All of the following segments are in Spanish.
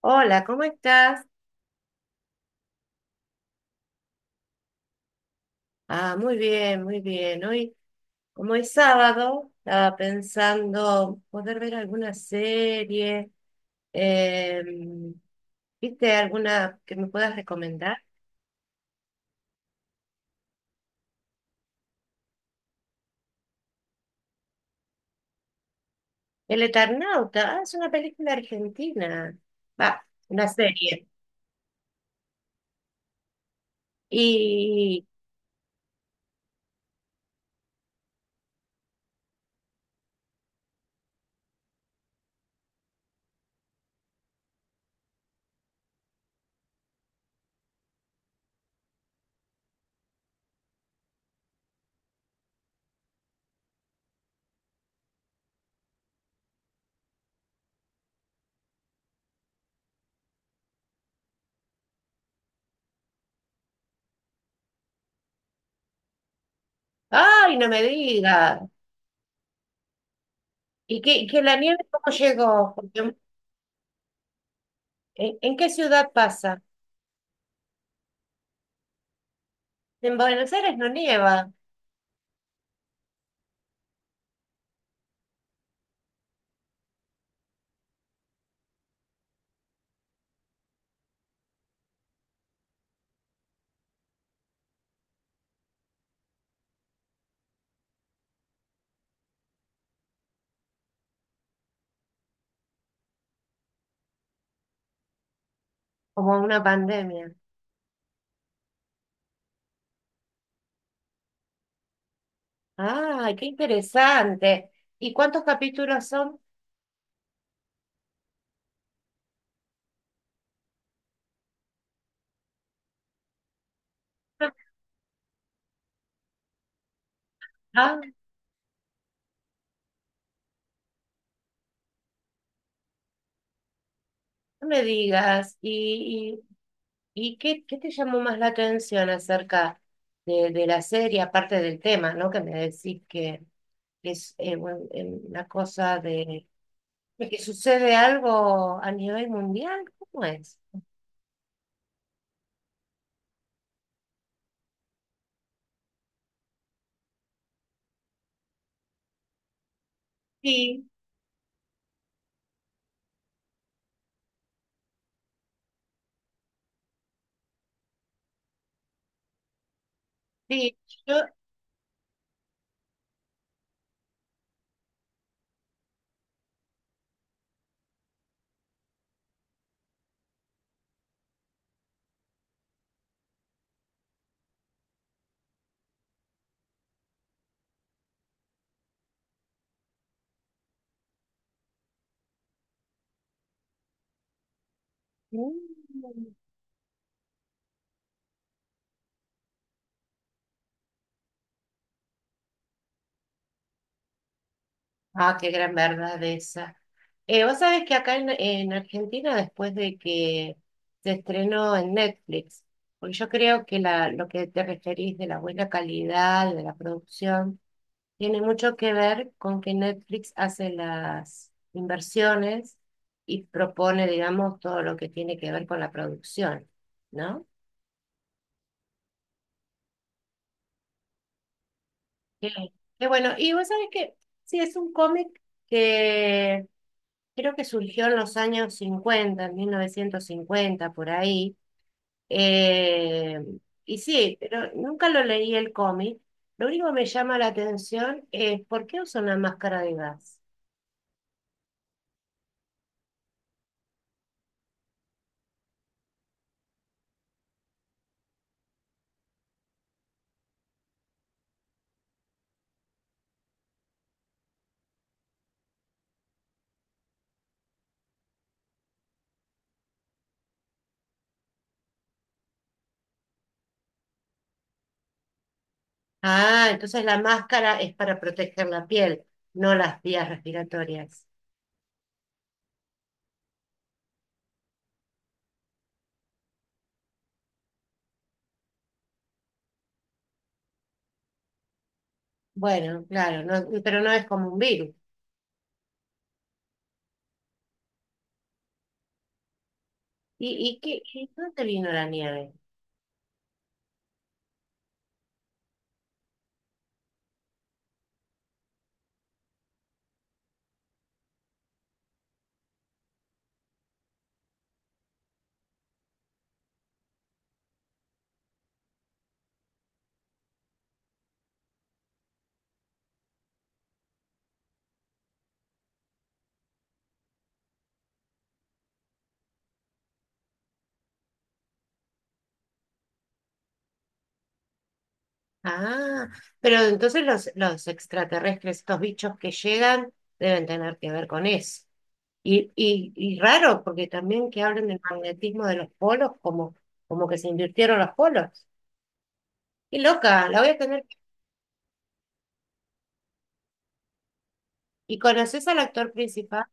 Hola, ¿cómo estás? Ah, muy bien, muy bien. Hoy, como es sábado, estaba pensando poder ver alguna serie. em, ¿Viste alguna que me puedas recomendar? El Eternauta, ah, es una película argentina. Va, una serie. Y, ay, no me digas. ¿Y que la nieve cómo llegó? Porque, ¿en qué ciudad pasa? En Buenos Aires no nieva, como una pandemia. Ay, qué interesante. ¿Y cuántos capítulos son? Ah, no me digas. ¿Y qué te llamó más la atención acerca de la serie, aparte del tema, ¿no? Que me decís que es una cosa de que sucede algo a nivel mundial. ¿Cómo es? Sí, sí. Yo, mm. Ah, qué gran verdad esa. Vos sabés que acá en Argentina, después de que se estrenó en Netflix, porque yo creo que la, lo que te referís de la buena calidad, de la producción, tiene mucho que ver con que Netflix hace las inversiones y propone, digamos, todo lo que tiene que ver con la producción, ¿no? Qué qué bueno. Y vos sabés que sí, es un cómic que creo que surgió en los años 50, en 1950 por ahí. Eh, y sí, pero nunca lo leí el cómic. Lo único que me llama la atención es ¿por qué usa una máscara de gas? Ah, entonces la máscara es para proteger la piel, no las vías respiratorias. Bueno, claro, pero no es como un virus. Y qué, y dónde vino la nieve? Ah, pero entonces los extraterrestres, estos bichos que llegan, deben tener que ver con eso. Y raro, porque también que hablen del magnetismo de los polos, como, como que se invirtieron los polos. Qué loca, la voy a tener. ¿Y conoces al actor principal?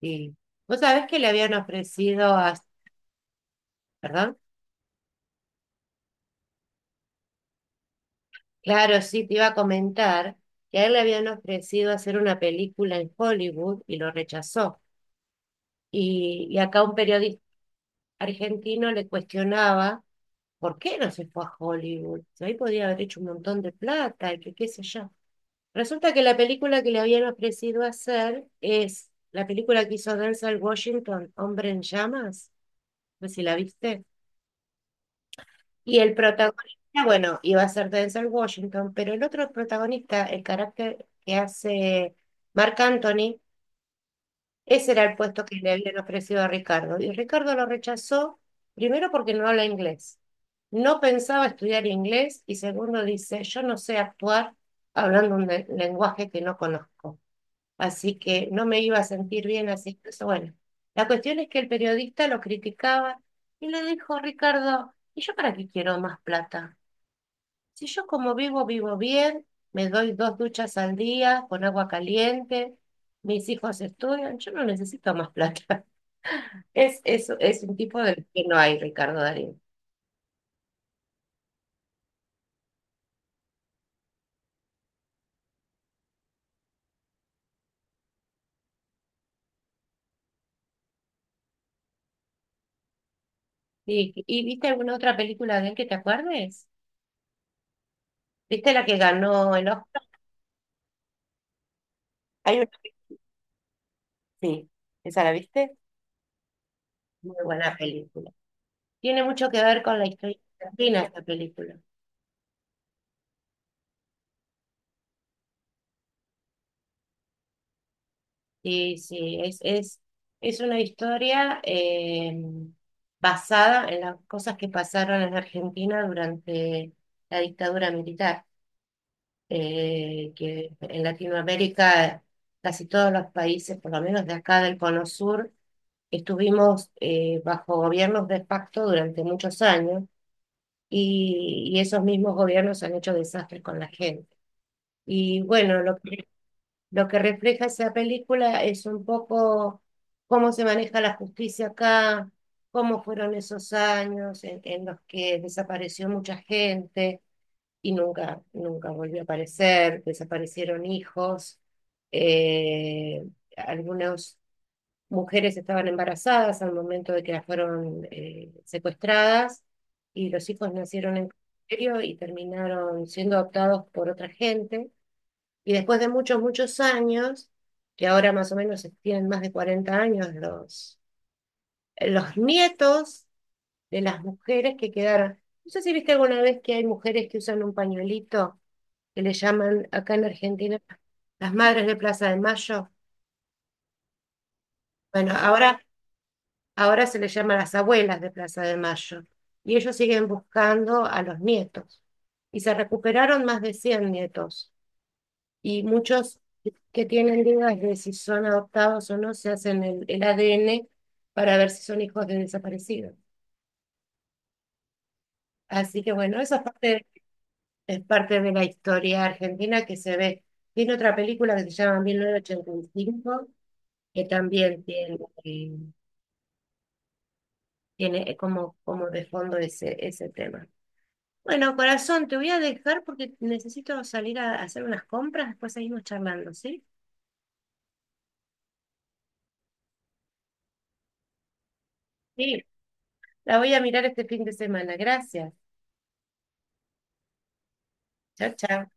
Sí. ¿Vos sabés que le habían ofrecido a... ¿Perdón? Claro, sí, te iba a comentar que a él le habían ofrecido hacer una película en Hollywood y lo rechazó. Y acá un periodista argentino le cuestionaba por qué no se fue a Hollywood. Si ahí podía haber hecho un montón de plata y que qué sé yo. Resulta que la película que le habían ofrecido hacer es la película que hizo Denzel Washington, Hombre en Llamas. No sé si la viste. Y el protagonista, bueno, iba a ser Denzel Washington, pero el otro protagonista, el carácter que hace Marc Anthony, ese era el puesto que le habían ofrecido a Ricardo. Y Ricardo lo rechazó, primero porque no habla inglés. No pensaba estudiar inglés y segundo dice, yo no sé actuar hablando un lenguaje que no conozco. Así que no me iba a sentir bien así. Eso, bueno, la cuestión es que el periodista lo criticaba y le dijo, Ricardo, ¿y yo para qué quiero más plata? Si yo como vivo, vivo bien, me doy dos duchas al día con agua caliente, mis hijos estudian, yo no necesito más plata. Es un tipo del que no hay, Ricardo Darín. Y viste alguna otra película de él que te acuerdes? ¿Viste la que ganó el Oscar? Hay una... que- Sí, ¿esa la viste? Muy buena película. Tiene mucho que ver con la historia de Argentina esta película. Sí, sí, es una historia basada en las cosas que pasaron en Argentina durante la dictadura militar, que en Latinoamérica casi todos los países, por lo menos de acá del Cono Sur, estuvimos bajo gobiernos de facto durante muchos años y esos mismos gobiernos han hecho desastres con la gente. Y bueno, lo que refleja esa película es un poco cómo se maneja la justicia acá, cómo fueron esos años en los que desapareció mucha gente y nunca, nunca volvió a aparecer, desaparecieron hijos, eh, algunas mujeres estaban embarazadas al momento de que las fueron secuestradas y los hijos nacieron en cautiverio y terminaron siendo adoptados por otra gente. Y después de muchos, muchos años, que ahora más o menos tienen más de 40 años los nietos de las mujeres que quedaron. No sé si viste alguna vez que hay mujeres que usan un pañuelito que le llaman acá en Argentina las Madres de Plaza de Mayo. Bueno, ahora, ahora se les llama las Abuelas de Plaza de Mayo. Y ellos siguen buscando a los nietos. Y se recuperaron más de 100 nietos. Y muchos que tienen dudas de si son adoptados o no se hacen el ADN para ver si son hijos de desaparecidos. Así que bueno, es parte de la historia argentina que se ve. Tiene otra película que se llama 1985, que también tiene, eh, tiene como, como de fondo ese, ese tema. Bueno, corazón, te voy a dejar porque necesito salir a hacer unas compras, después seguimos charlando, ¿sí? Sí, la voy a mirar este fin de semana. Gracias. Chao, chao.